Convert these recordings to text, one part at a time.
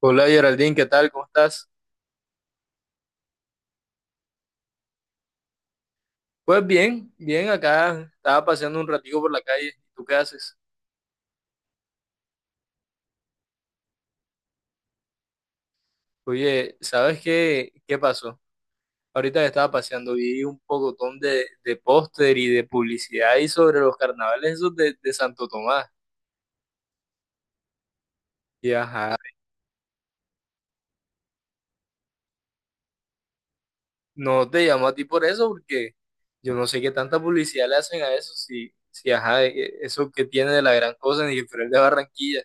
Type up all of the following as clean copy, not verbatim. Hola Geraldine, ¿qué tal? ¿Cómo estás? Pues bien, acá estaba paseando un ratico por la calle. ¿Tú qué haces? Oye, ¿sabes qué pasó? Ahorita que estaba paseando vi un pocotón de póster y de publicidad y sobre los carnavales esos de Santo Tomás. Y ajá, no te llamo a ti por eso porque yo no sé qué tanta publicidad le hacen a eso, si ajá, eso que tiene de la gran cosa en el Festival de Barranquilla.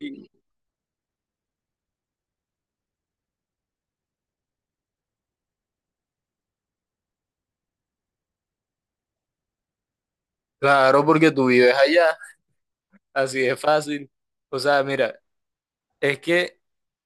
Y claro, porque tú vives allá, así de fácil. O sea, mira. Es que,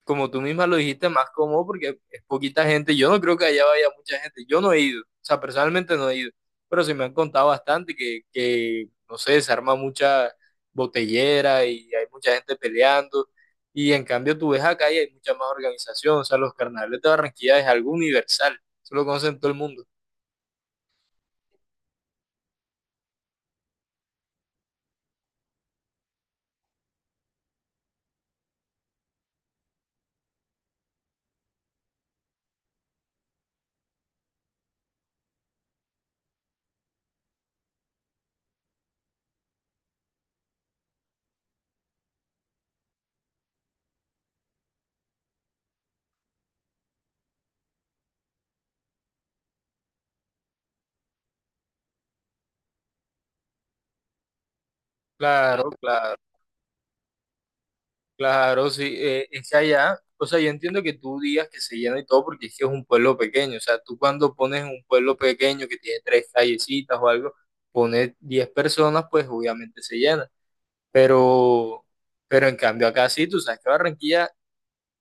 como tú misma lo dijiste, más cómodo porque es poquita gente. Yo no creo que allá vaya mucha gente. Yo no he ido, o sea, personalmente no he ido, pero sí me han contado bastante que no sé, se arma mucha botellera y hay mucha gente peleando. Y en cambio tú ves acá y hay mucha más organización. O sea, los carnavales de Barranquilla es algo universal. Eso lo conocen todo el mundo. Claro, claro. Claro, sí, es que allá, o sea, yo entiendo que tú digas que se llena y todo porque es que es un pueblo pequeño, o sea, tú cuando pones un pueblo pequeño que tiene tres callecitas o algo, pones 10 personas, pues obviamente se llena, pero, pero en cambio acá sí, tú sabes que Barranquilla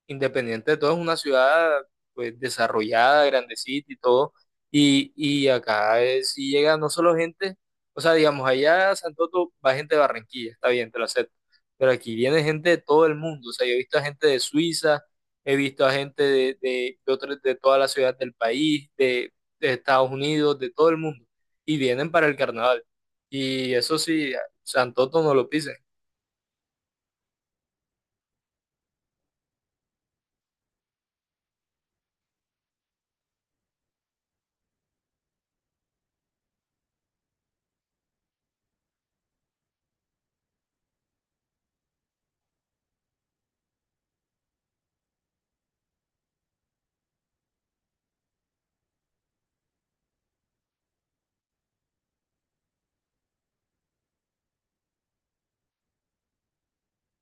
independiente de todo, es una ciudad pues desarrollada, grandecita y todo. Y acá sí llega no solo gente, o sea, digamos, allá a Santoto va gente de Barranquilla, está bien, te lo acepto. Pero aquí viene gente de todo el mundo. O sea, yo he visto a gente de Suiza, he visto a gente de otras- de toda la ciudad del país, de Estados Unidos, de todo el mundo. Y vienen para el carnaval. Y eso sí, Santoto no lo pisen.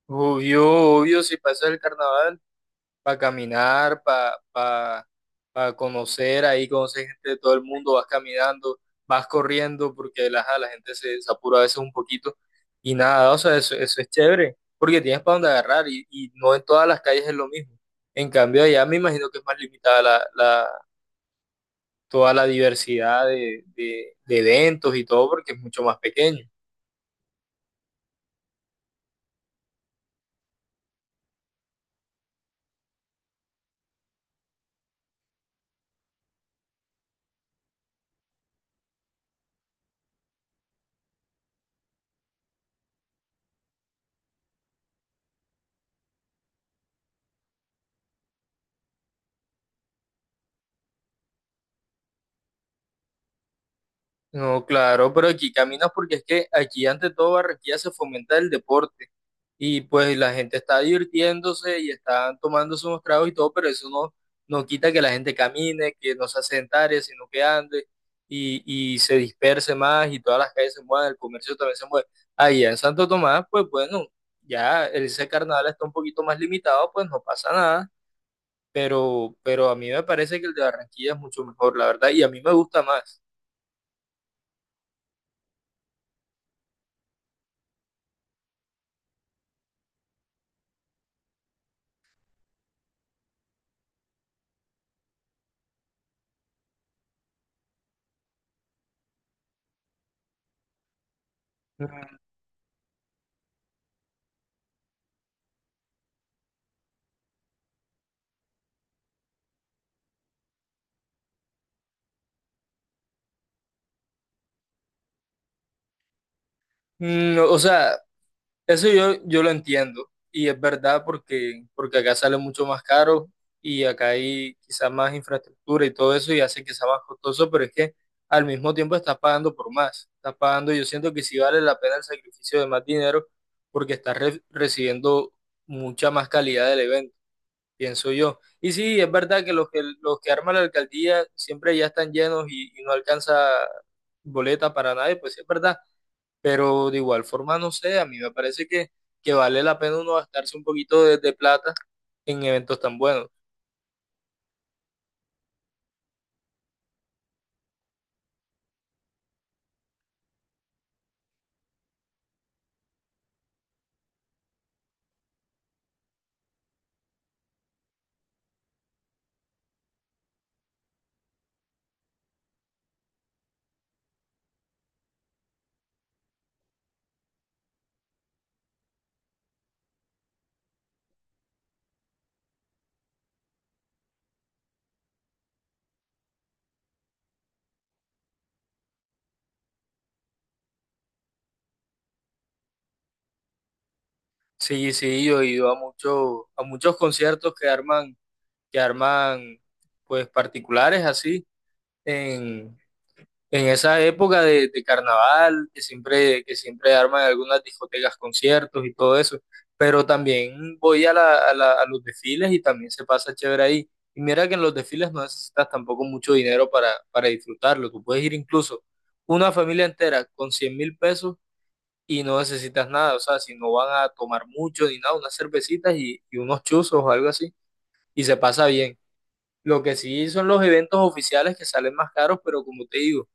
Obvio, obvio, si pasa el carnaval. Para caminar, pa conocer, ahí conocer gente de todo el mundo, vas caminando, vas corriendo, porque ajá, la gente se apura a veces un poquito y nada, o sea, eso es chévere, porque tienes para dónde agarrar y no en todas las calles es lo mismo. En cambio, allá me imagino que es más limitada toda la diversidad de eventos y todo, porque es mucho más pequeño. No, claro, pero aquí caminas porque es que aquí ante todo Barranquilla se fomenta el deporte. Y pues la gente está divirtiéndose y están tomando unos tragos y todo, pero eso no, no quita que la gente camine, que no se asentare, sino que ande y, y se disperse más y todas las calles se mueven el comercio también se mueve. Allá en Santo Tomás, pues bueno, ya ese carnaval está un poquito más limitado, pues no pasa nada, pero a mí me parece que el de Barranquilla es mucho mejor, la verdad, y a mí me gusta más. Mm, o sea, eso yo lo entiendo y es verdad porque acá sale mucho más caro y acá hay quizás más infraestructura y todo eso y hace que sea más costoso, pero es que al mismo tiempo estás pagando por más. Estás pagando, yo siento que sí vale la pena el sacrificio de más dinero porque estás recibiendo mucha más calidad del evento, pienso yo. Y sí, es verdad que los que arma la alcaldía siempre ya están llenos y no alcanza boleta para nadie, pues sí es verdad pero de igual forma, no sé, a mí me parece que vale la pena uno gastarse un poquito de plata en eventos tan buenos. Sí, sí, yo he ido a muchos conciertos que arman, pues particulares así, en, en esa época de carnaval, que siempre arman algunas discotecas, conciertos y todo eso, pero también voy a, la- a la- a los desfiles y también se pasa chévere ahí. Y mira que en los desfiles no necesitas tampoco mucho dinero para disfrutarlo. Tú puedes ir incluso una familia entera con 100.000 pesos y no necesitas nada. O sea, si no van a tomar mucho ni nada, unas cervecitas y unos chuzos o algo así, y se pasa bien. Lo que sí son los eventos oficiales que salen más caros, pero como te digo,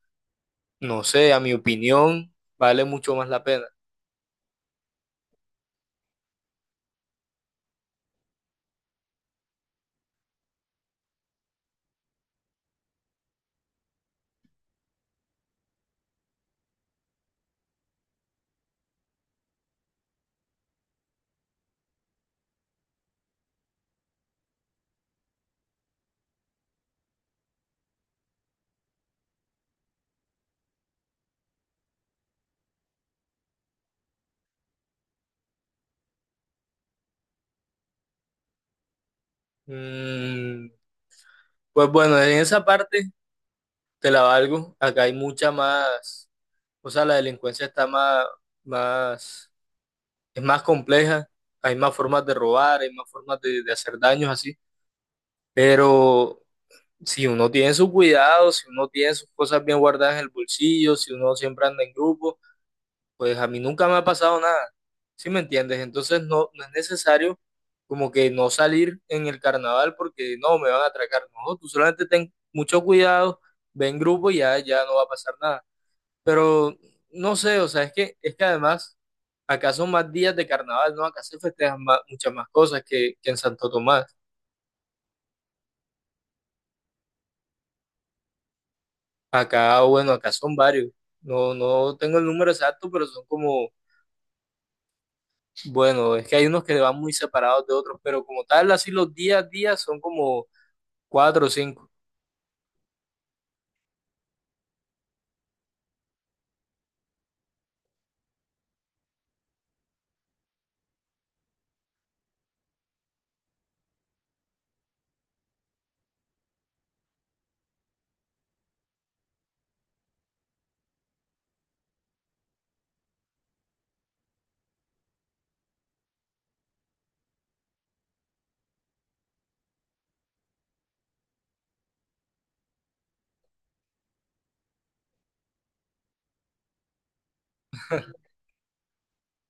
no sé, a mi opinión, vale mucho más la pena. Mm, pues bueno, en esa parte te la valgo. Acá hay mucha o sea, la delincuencia más, es más compleja. Hay más formas de robar, hay más formas de hacer daños así. Pero si uno tiene su cuidado, si uno tiene sus cosas bien guardadas en el bolsillo, si uno siempre anda en grupo, pues a mí nunca me ha pasado nada, ¿sí me entiendes? Entonces no es necesario como que no salir en el carnaval porque no, me van a atracar. No, tú solamente ten mucho cuidado, ve en grupo y ya, ya no va a pasar nada. Pero no sé, o sea, es que además acá son más días de carnaval, ¿no? Acá se festejan más- muchas más cosas que en Santo Tomás. Acá, bueno, acá son varios. No, no tengo el número exacto, pero son como bueno, es que hay unos que van muy separados de otros, pero como tal, así los días a días son como cuatro o cinco.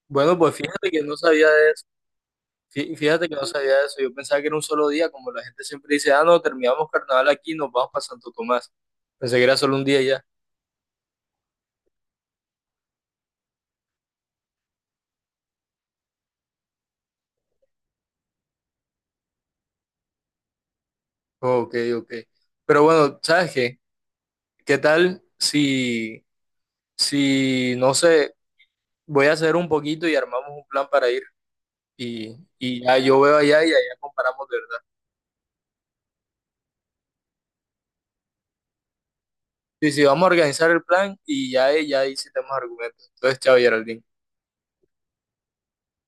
Bueno, pues fíjate que no sabía de eso. Fíjate que no sabía de eso. Yo pensaba que era un solo día, como la gente siempre dice, ah, no, terminamos carnaval aquí, nos vamos para Santo Tomás. Pensé que era solo un día y ya. Ok, ok. Pero bueno, ¿sabes qué? ¿Qué tal si, no sé, voy a hacer un poquito y armamos un plan para ir y ya yo veo allá y allá comparamos de verdad. Sí, sí, vamos a organizar el plan y ya, ya ahí sí tenemos argumentos. Entonces, chao, Geraldine.